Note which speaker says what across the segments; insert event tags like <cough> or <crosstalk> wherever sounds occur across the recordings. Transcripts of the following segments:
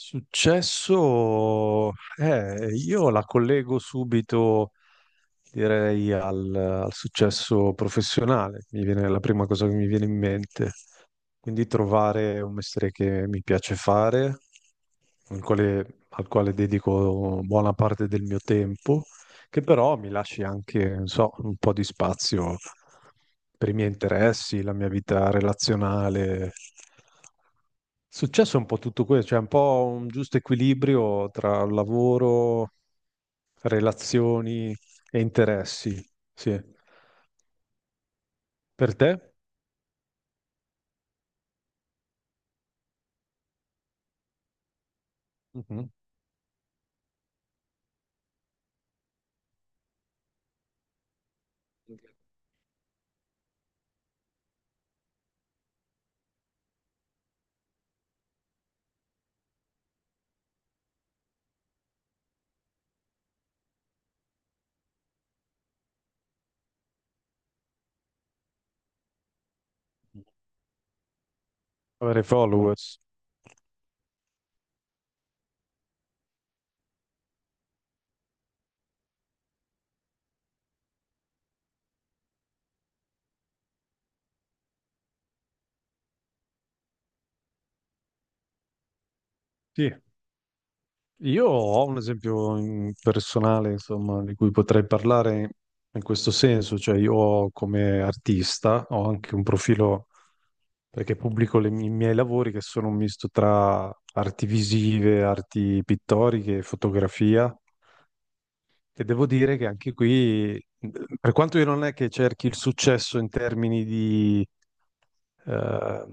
Speaker 1: Successo, io la collego subito, direi, al successo professionale. Mi viene la prima cosa che mi viene in mente. Quindi trovare un mestiere che mi piace fare, al quale dedico buona parte del mio tempo, che però mi lasci anche, non so, un po' di spazio per i miei interessi, la mia vita relazionale. Successo è un po' tutto questo, cioè un po' un giusto equilibrio tra lavoro, relazioni e interessi. Sì. Per te? Mhm. Avere followers. Sì. Io ho un esempio personale, insomma, di cui potrei parlare in questo senso, cioè io ho come artista ho anche un profilo perché pubblico i miei lavori che sono un misto tra arti visive, arti pittoriche, e fotografia. E devo dire che anche qui, per quanto io non è che cerchi il successo in termini di eh,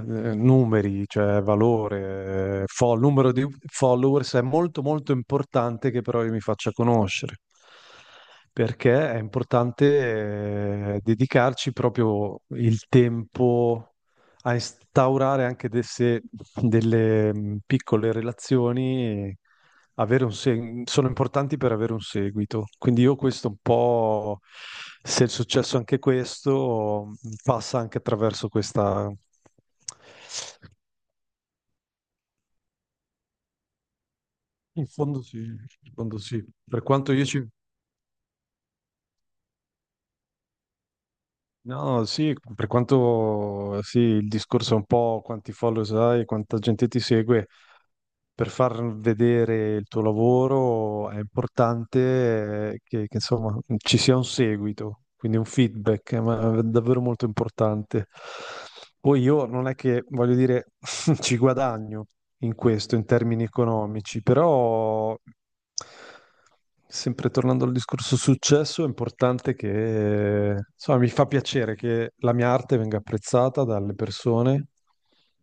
Speaker 1: numeri, cioè valore, numero di followers, è molto molto importante che però io mi faccia conoscere, perché è importante dedicarci proprio il tempo a instaurare delle piccole relazioni, e sono importanti per avere un seguito. Quindi io questo un po', se è successo anche questo, passa anche attraverso questa... In fondo sì, in fondo sì. Per quanto io ci... No, sì, per quanto sì, il discorso è un po' quanti follow hai, quanta gente ti segue, per far vedere il tuo lavoro è importante insomma ci sia un seguito, quindi un feedback, ma è davvero molto importante. Poi io non è che voglio dire <laughs> ci guadagno, in questo, in termini economici, però sempre tornando al discorso successo, è importante che, insomma, mi fa piacere che la mia arte venga apprezzata dalle persone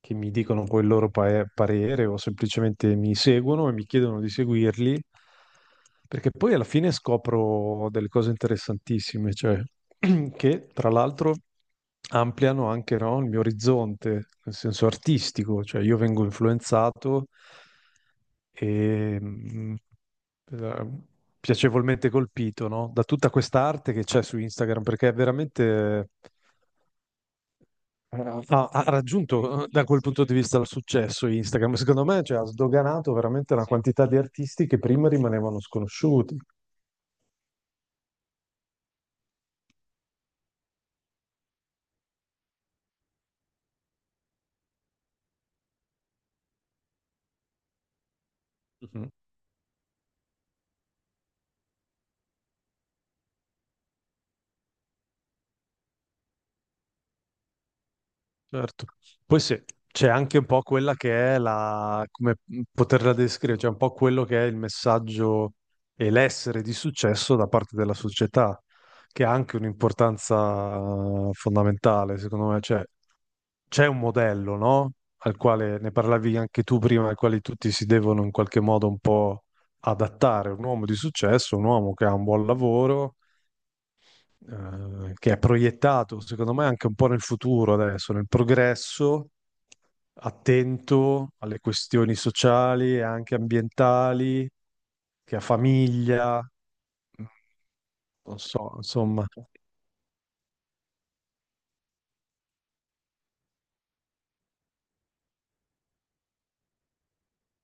Speaker 1: che mi dicono poi parere o semplicemente mi seguono e mi chiedono di seguirli, perché poi alla fine scopro delle cose interessantissime, cioè. <clears throat> Che tra l'altro ampliano anche, no, il mio orizzonte, nel senso artistico, cioè io vengo influenzato e eh, piacevolmente colpito, no, da tutta questa arte che c'è su Instagram, perché è veramente... eh, Ha, raggiunto da quel punto di vista il successo Instagram, secondo me, cioè, ha sdoganato veramente una quantità di artisti che prima rimanevano sconosciuti. Certo. Poi sì, c'è anche un po' quella che è la, come poterla descrivere, cioè un po' quello che è il messaggio e l'essere di successo da parte della società, che ha anche un'importanza fondamentale, secondo me. Cioè, c'è un modello, no? Al quale ne parlavi anche tu prima, al quale tutti si devono in qualche modo un po' adattare. Un uomo di successo, un uomo che ha un buon lavoro che è proiettato, secondo me, anche un po' nel futuro adesso, nel progresso, attento alle questioni sociali e anche ambientali, che a famiglia, non so, insomma.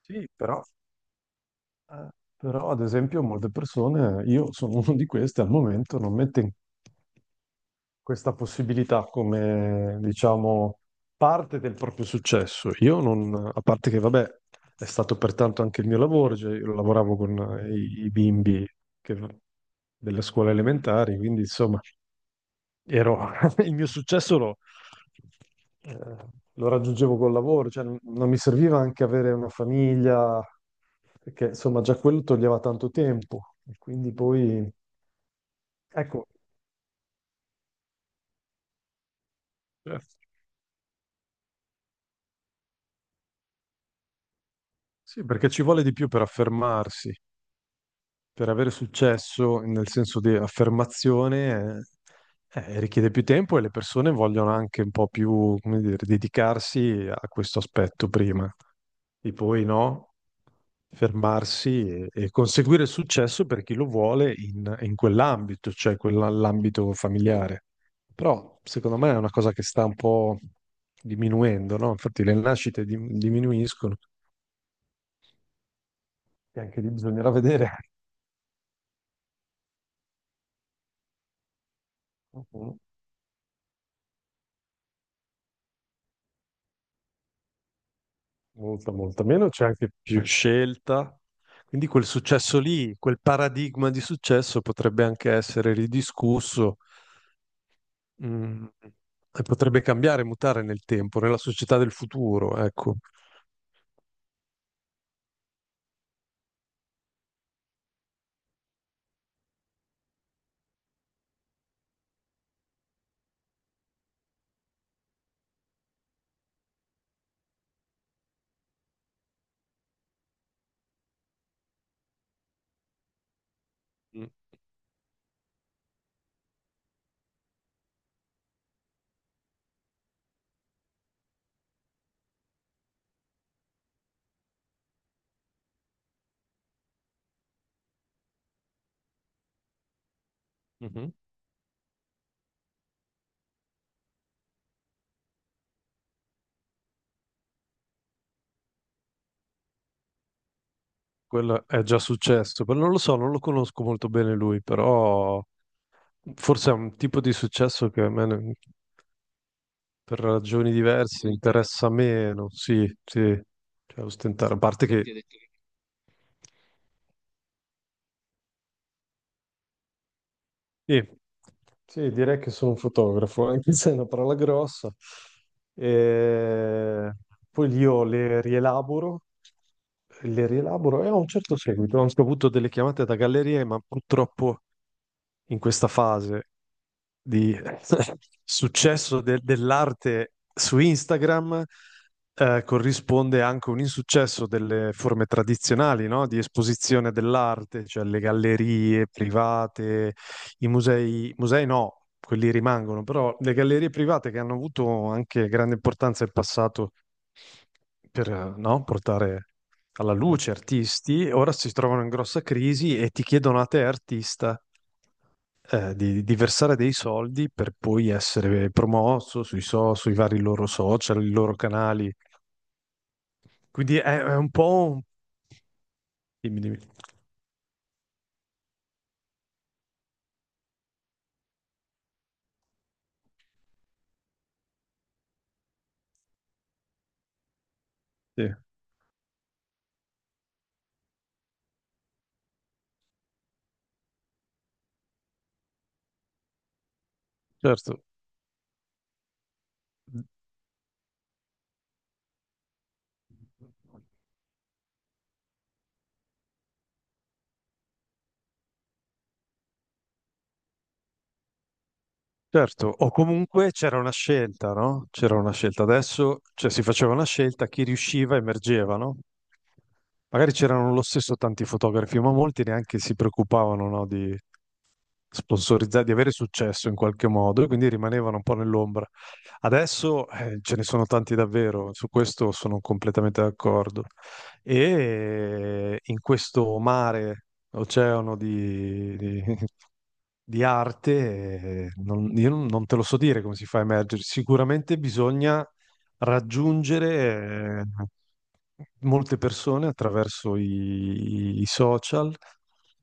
Speaker 1: Sì, però, eh, però, ad esempio molte persone, io sono uno di queste, al momento non mette in questa possibilità come, diciamo, parte del proprio successo. Io non, a parte che, vabbè, è stato pertanto anche il mio lavoro, cioè io lavoravo con i bimbi che- delle scuole elementari, quindi insomma, ero, <laughs> il mio successo lo, eh, lo raggiungevo col lavoro, cioè non mi serviva anche avere una famiglia, perché insomma già quello toglieva tanto tempo, e quindi poi, ecco. Certo. Sì, perché ci vuole di più per affermarsi, per avere successo nel senso di affermazione richiede più tempo e le persone vogliono anche un po' più, come dire, dedicarsi a questo aspetto prima e poi no, fermarsi e conseguire il successo per chi lo vuole in quell'ambito, cioè quell'ambito familiare. Però secondo me è una cosa che sta un po' diminuendo, no? Infatti le nascite diminuiscono e anche lì bisognerà vedere. <laughs> Molta, molta meno, c'è anche più scelta. Quindi quel successo lì, quel paradigma di successo potrebbe anche essere ridiscusso, mm, e potrebbe cambiare, mutare nel tempo, nella società del futuro, ecco. Mm, mhm. Quello è già successo, però non lo so, non lo conosco molto bene lui, però forse è un tipo di successo che a me, per ragioni diverse, interessa meno. Sì, sì, cioè ostentare, a parte che... Sì, sì, direi che sono un fotografo, <laughs> anche se è una parola grossa. E poi io le rielaboro e ho un certo seguito. Ho anche avuto delle chiamate da gallerie, ma purtroppo in questa fase di <laughs> successo dell'arte su Instagram corrisponde anche un insuccesso delle forme tradizionali, no? Di esposizione dell'arte, cioè le gallerie private, i musei, musei no, quelli rimangono, però le gallerie private che hanno avuto anche grande importanza in passato per, no, portare alla luce artisti, ora si trovano in grossa crisi e ti chiedono a te artista di versare dei soldi per poi essere promosso sui vari loro social, i loro canali. Quindi è un po'... un-. Dimmi, dimmi. Sì, certo. Certo, o comunque c'era una scelta, no? C'era una scelta. Adesso, cioè, si faceva una scelta, chi riusciva emergeva, no? Magari c'erano lo stesso tanti fotografi, ma molti neanche si preoccupavano, no, di sponsorizzare, di avere successo in qualche modo, e quindi rimanevano un po' nell'ombra. Adesso ce ne sono tanti davvero, su questo sono completamente d'accordo. E in questo mare, oceano <laughs> di arte, io non te lo so dire come si fa a emergere. Sicuramente bisogna raggiungere molte persone attraverso i social,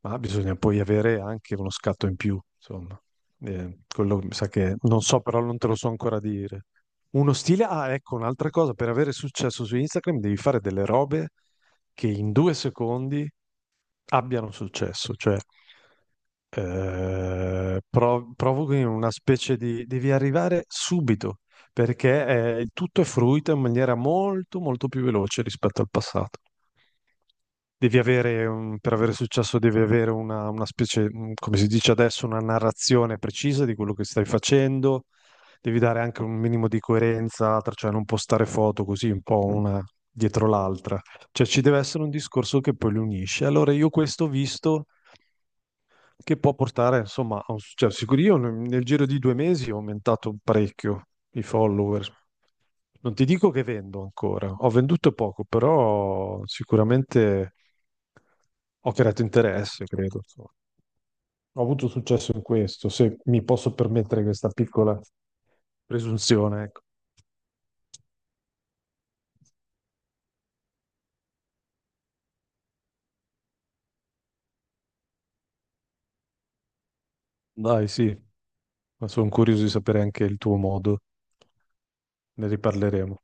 Speaker 1: ma bisogna poi avere anche uno scatto in più, insomma. Quello mi sa che non so, però non te lo so ancora dire. Uno stile, ah, ecco, un'altra cosa, per avere successo su Instagram devi fare delle robe che in 2 secondi abbiano successo, cioè provochi una specie di... devi arrivare subito, perché tutto è fruito in maniera molto, molto più veloce rispetto al passato. Devi avere, un- per avere successo, devi avere una specie, come si dice adesso, una narrazione precisa di quello che stai facendo. Devi dare anche un minimo di coerenza, cioè non postare foto così un po' una dietro l'altra. Cioè ci deve essere un discorso che poi li unisce. Allora io questo ho visto che può portare, insomma, a un successo. Sicuro io nel giro di 2 mesi ho aumentato parecchio i follower. Non ti dico che vendo ancora, ho venduto poco, però sicuramente ho creato interesse, credo, insomma. Ho avuto successo in questo, se mi posso permettere questa piccola presunzione, ecco. Dai, sì, ma sono curioso di sapere anche il tuo modo. Ne riparleremo.